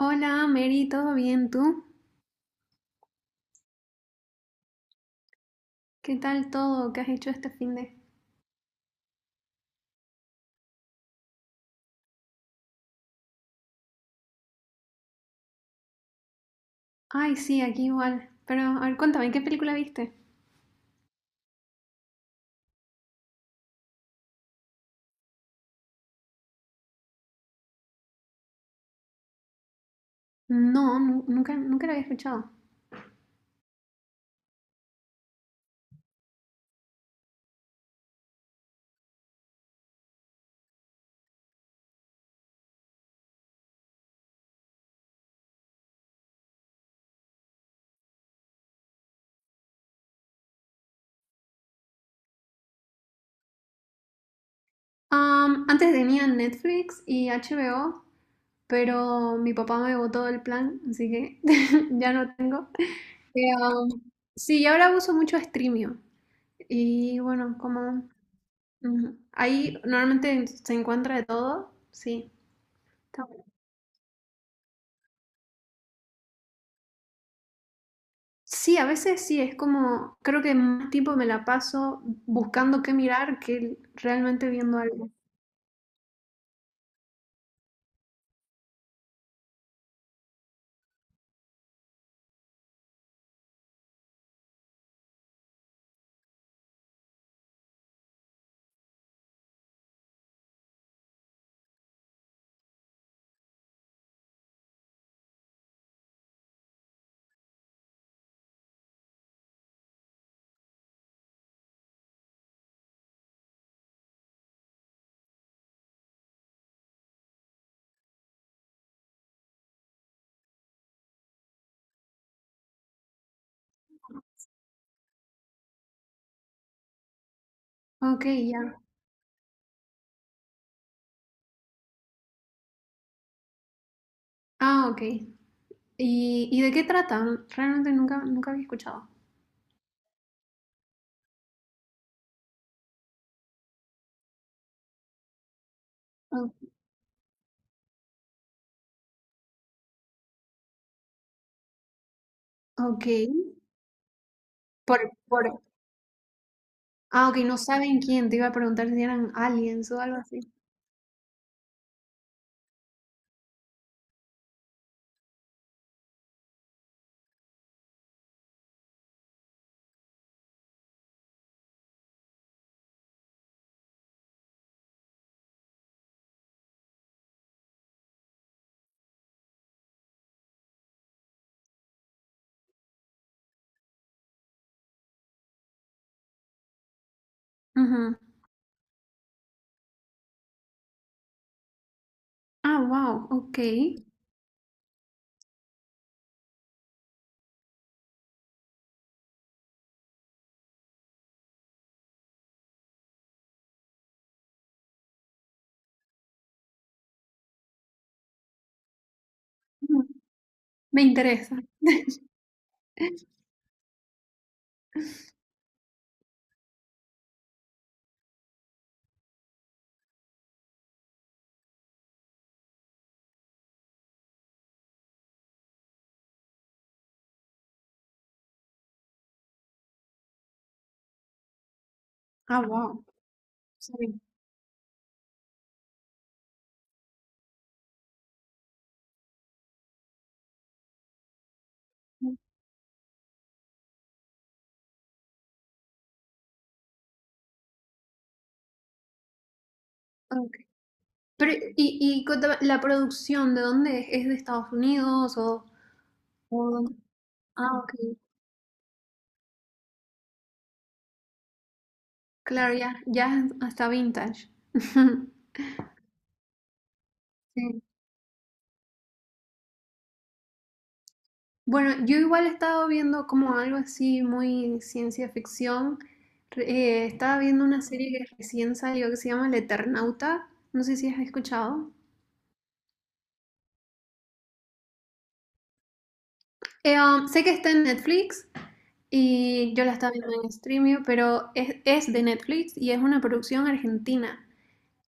Hola, Mary, ¿todo bien tú? ¿Qué tal todo? ¿Qué has hecho este fin de...? Ay, sí, aquí igual. Pero, a ver, cuéntame, ¿qué película viste? No, nunca la había escuchado. Antes tenía Netflix y HBO, pero mi papá me botó el plan, así que ya no tengo. Eh, um, sí, y ahora uso mucho Streamio. Y bueno, como ujú, ahí normalmente se encuentra de todo, sí. Sí, a veces sí, es como, creo que más tiempo me la paso buscando qué mirar que realmente viendo algo. Ok, ya. Ah, ok. ¿Y de qué tratan? Realmente nunca, nunca había escuchado. O- ok. Por, por... Ah, ok, no saben quién. Te iba a preguntar si eran aliens o algo así. Ujú. Ah, wow, ok. Mm, me interesa. Ah, wow. Sí. Mm, ok. Pero, y contame, la producción, ¿de dónde es? ¿Es de Estados Unidos o...? ¿O dónde? Ah, ok. Claro, ya, ya hasta vintage. Sí. Bueno, yo igual he estado viendo como algo así muy ciencia ficción. Re- Estaba viendo una serie que recién salió que se llama El Eternauta. No sé si has escuchado. Sé que está en Netflix y yo la estaba viendo en Streamio, pero es de Netflix y es una producción argentina.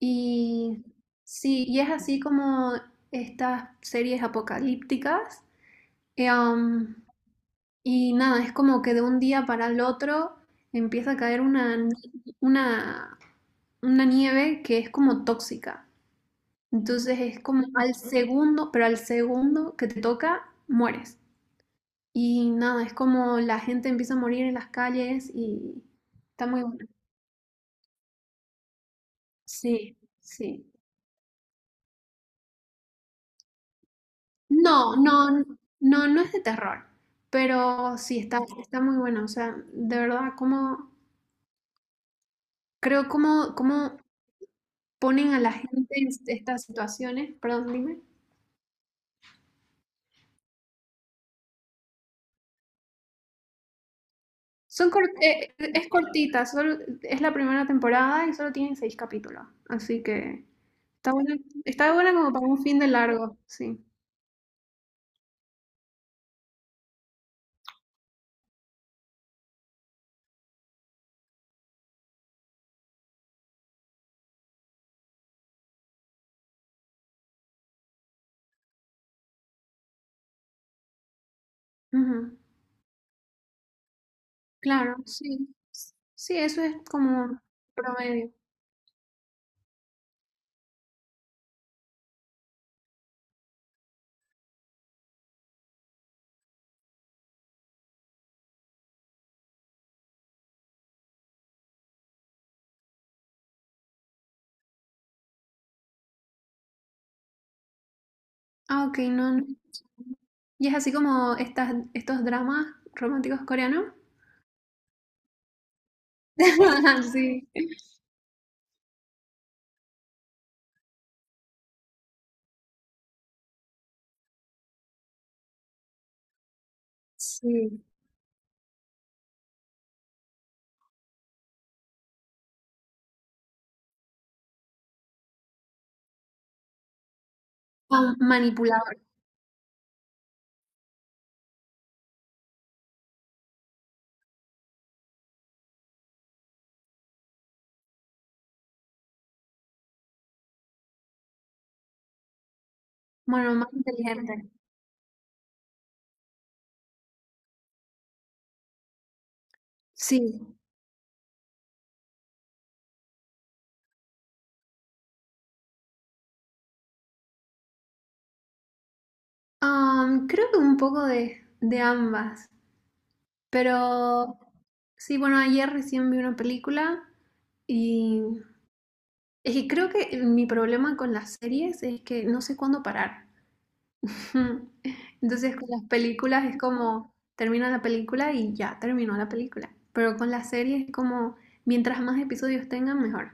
Y sí, y es así como estas series apocalípticas. Eh, um, Y nada, es como que de un día para el otro empieza a caer una, ni- una, una nieve que es como tóxica. Entonces es como al segundo que te toca, mueres. Y nada, es como la gente empieza a morir en las calles y está muy bueno. Sí, sí. No, no, no, no es de terror, pero sí está, está muy bueno. O sea, de verdad, como como ponen a la gente en estas situaciones. Perdón, dime. Es cortita, solo, es la primera temporada y solo tienen 6 capítulos. Así que está buena, está buena como para un fin de largo, sí. Ujú. Claro, sí. Sí, eso es como promedio. Ah, ok, no. No. Y es así como estos dramas románticos coreanos. Sí, sí. Con manipulador. Bueno, más inteligente. Sí. Creo que un poco de ambas, pero sí, bueno, ayer recién vi una película y es que creo que mi problema con las series es que no sé cuándo parar. Entonces con las películas es como termina la película y ya terminó la película, pero con las series es como mientras más episodios tengan, mejor.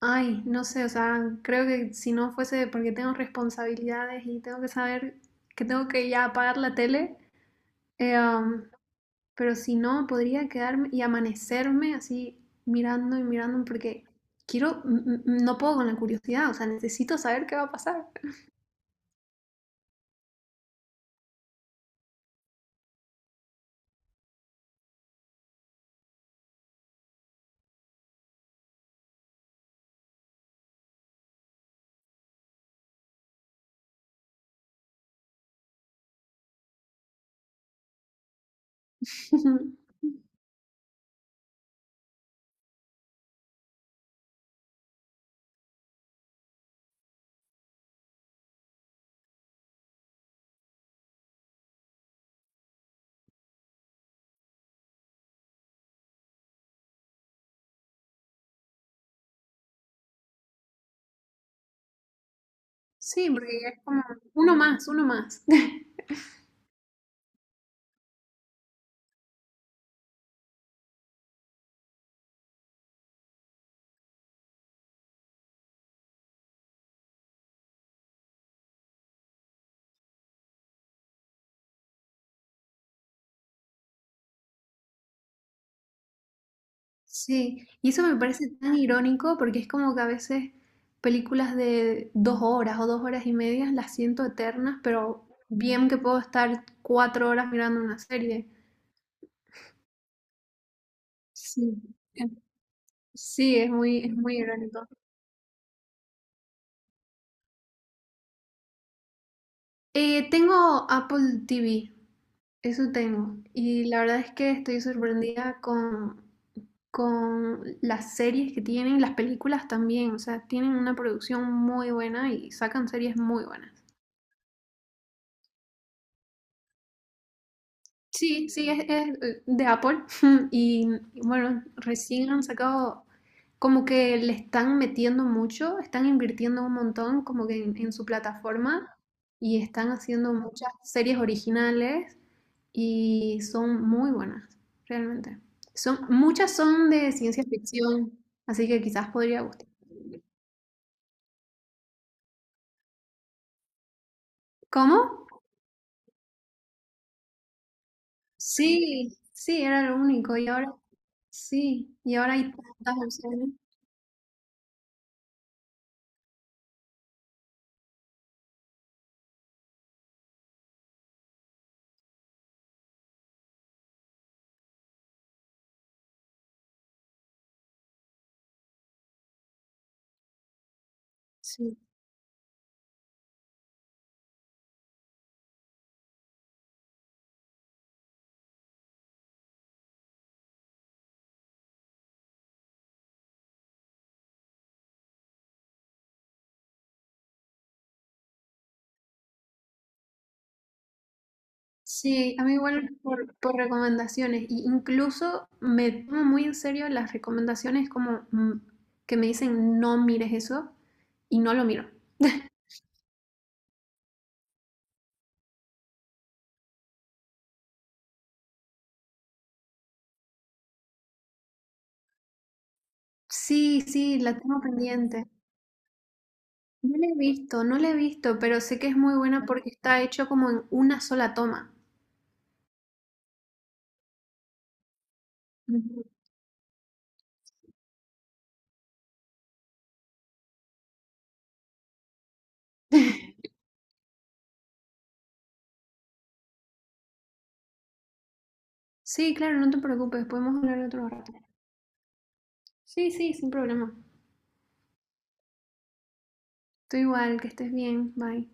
Ay, no sé, o sea, creo que si no fuese porque tengo responsabilidades y tengo que saber que tengo que ya apagar la tele. Eh, am, pero si no, podría quedarme y amanecerme así mirando y mirando porque no puedo con la curiosidad, o sea, necesito saber qué va a pasar. Sí, porque ya es como uno más, uno más. Sí, y eso me parece tan irónico porque es como que a veces películas de 2 horas o 2 horas y medias las siento eternas, pero bien que puedo estar 4 horas mirando una serie. Sí, es- sí, es muy irónico. Tengo Apple TV, eso tengo. Y la verdad es que estoy sorprendida con las series que tienen, las películas también. O sea, tienen una producción muy buena y sacan series muy buenas. Sí, sí, de Apple. Y bueno, recién han sacado, como que le están metiendo mucho, están invirtiendo un montón como que en su plataforma y están haciendo muchas series originales y son muy buenas, realmente. Son, muchas son de ciencia ficción, así que quizás podría gustar. ¿Cómo? Sí, sí, era lo único. Y ahora, sí, y ahora hay tantas opciones. Sí. Sí, a mí igual por recomendaciones, y incluso me tomo muy en serio las recomendaciones como mm, que me dicen no mires eso y no lo miro. Sí, sí, la tengo pendiente. No la he visto, no la he visto, pero sé que es muy buena porque está hecho como en una sola toma. Ujú. Sí, claro, no te preocupes, podemos hablar otro rato. Sí, sí, sin problema. Tú igual, que estés bien, bye.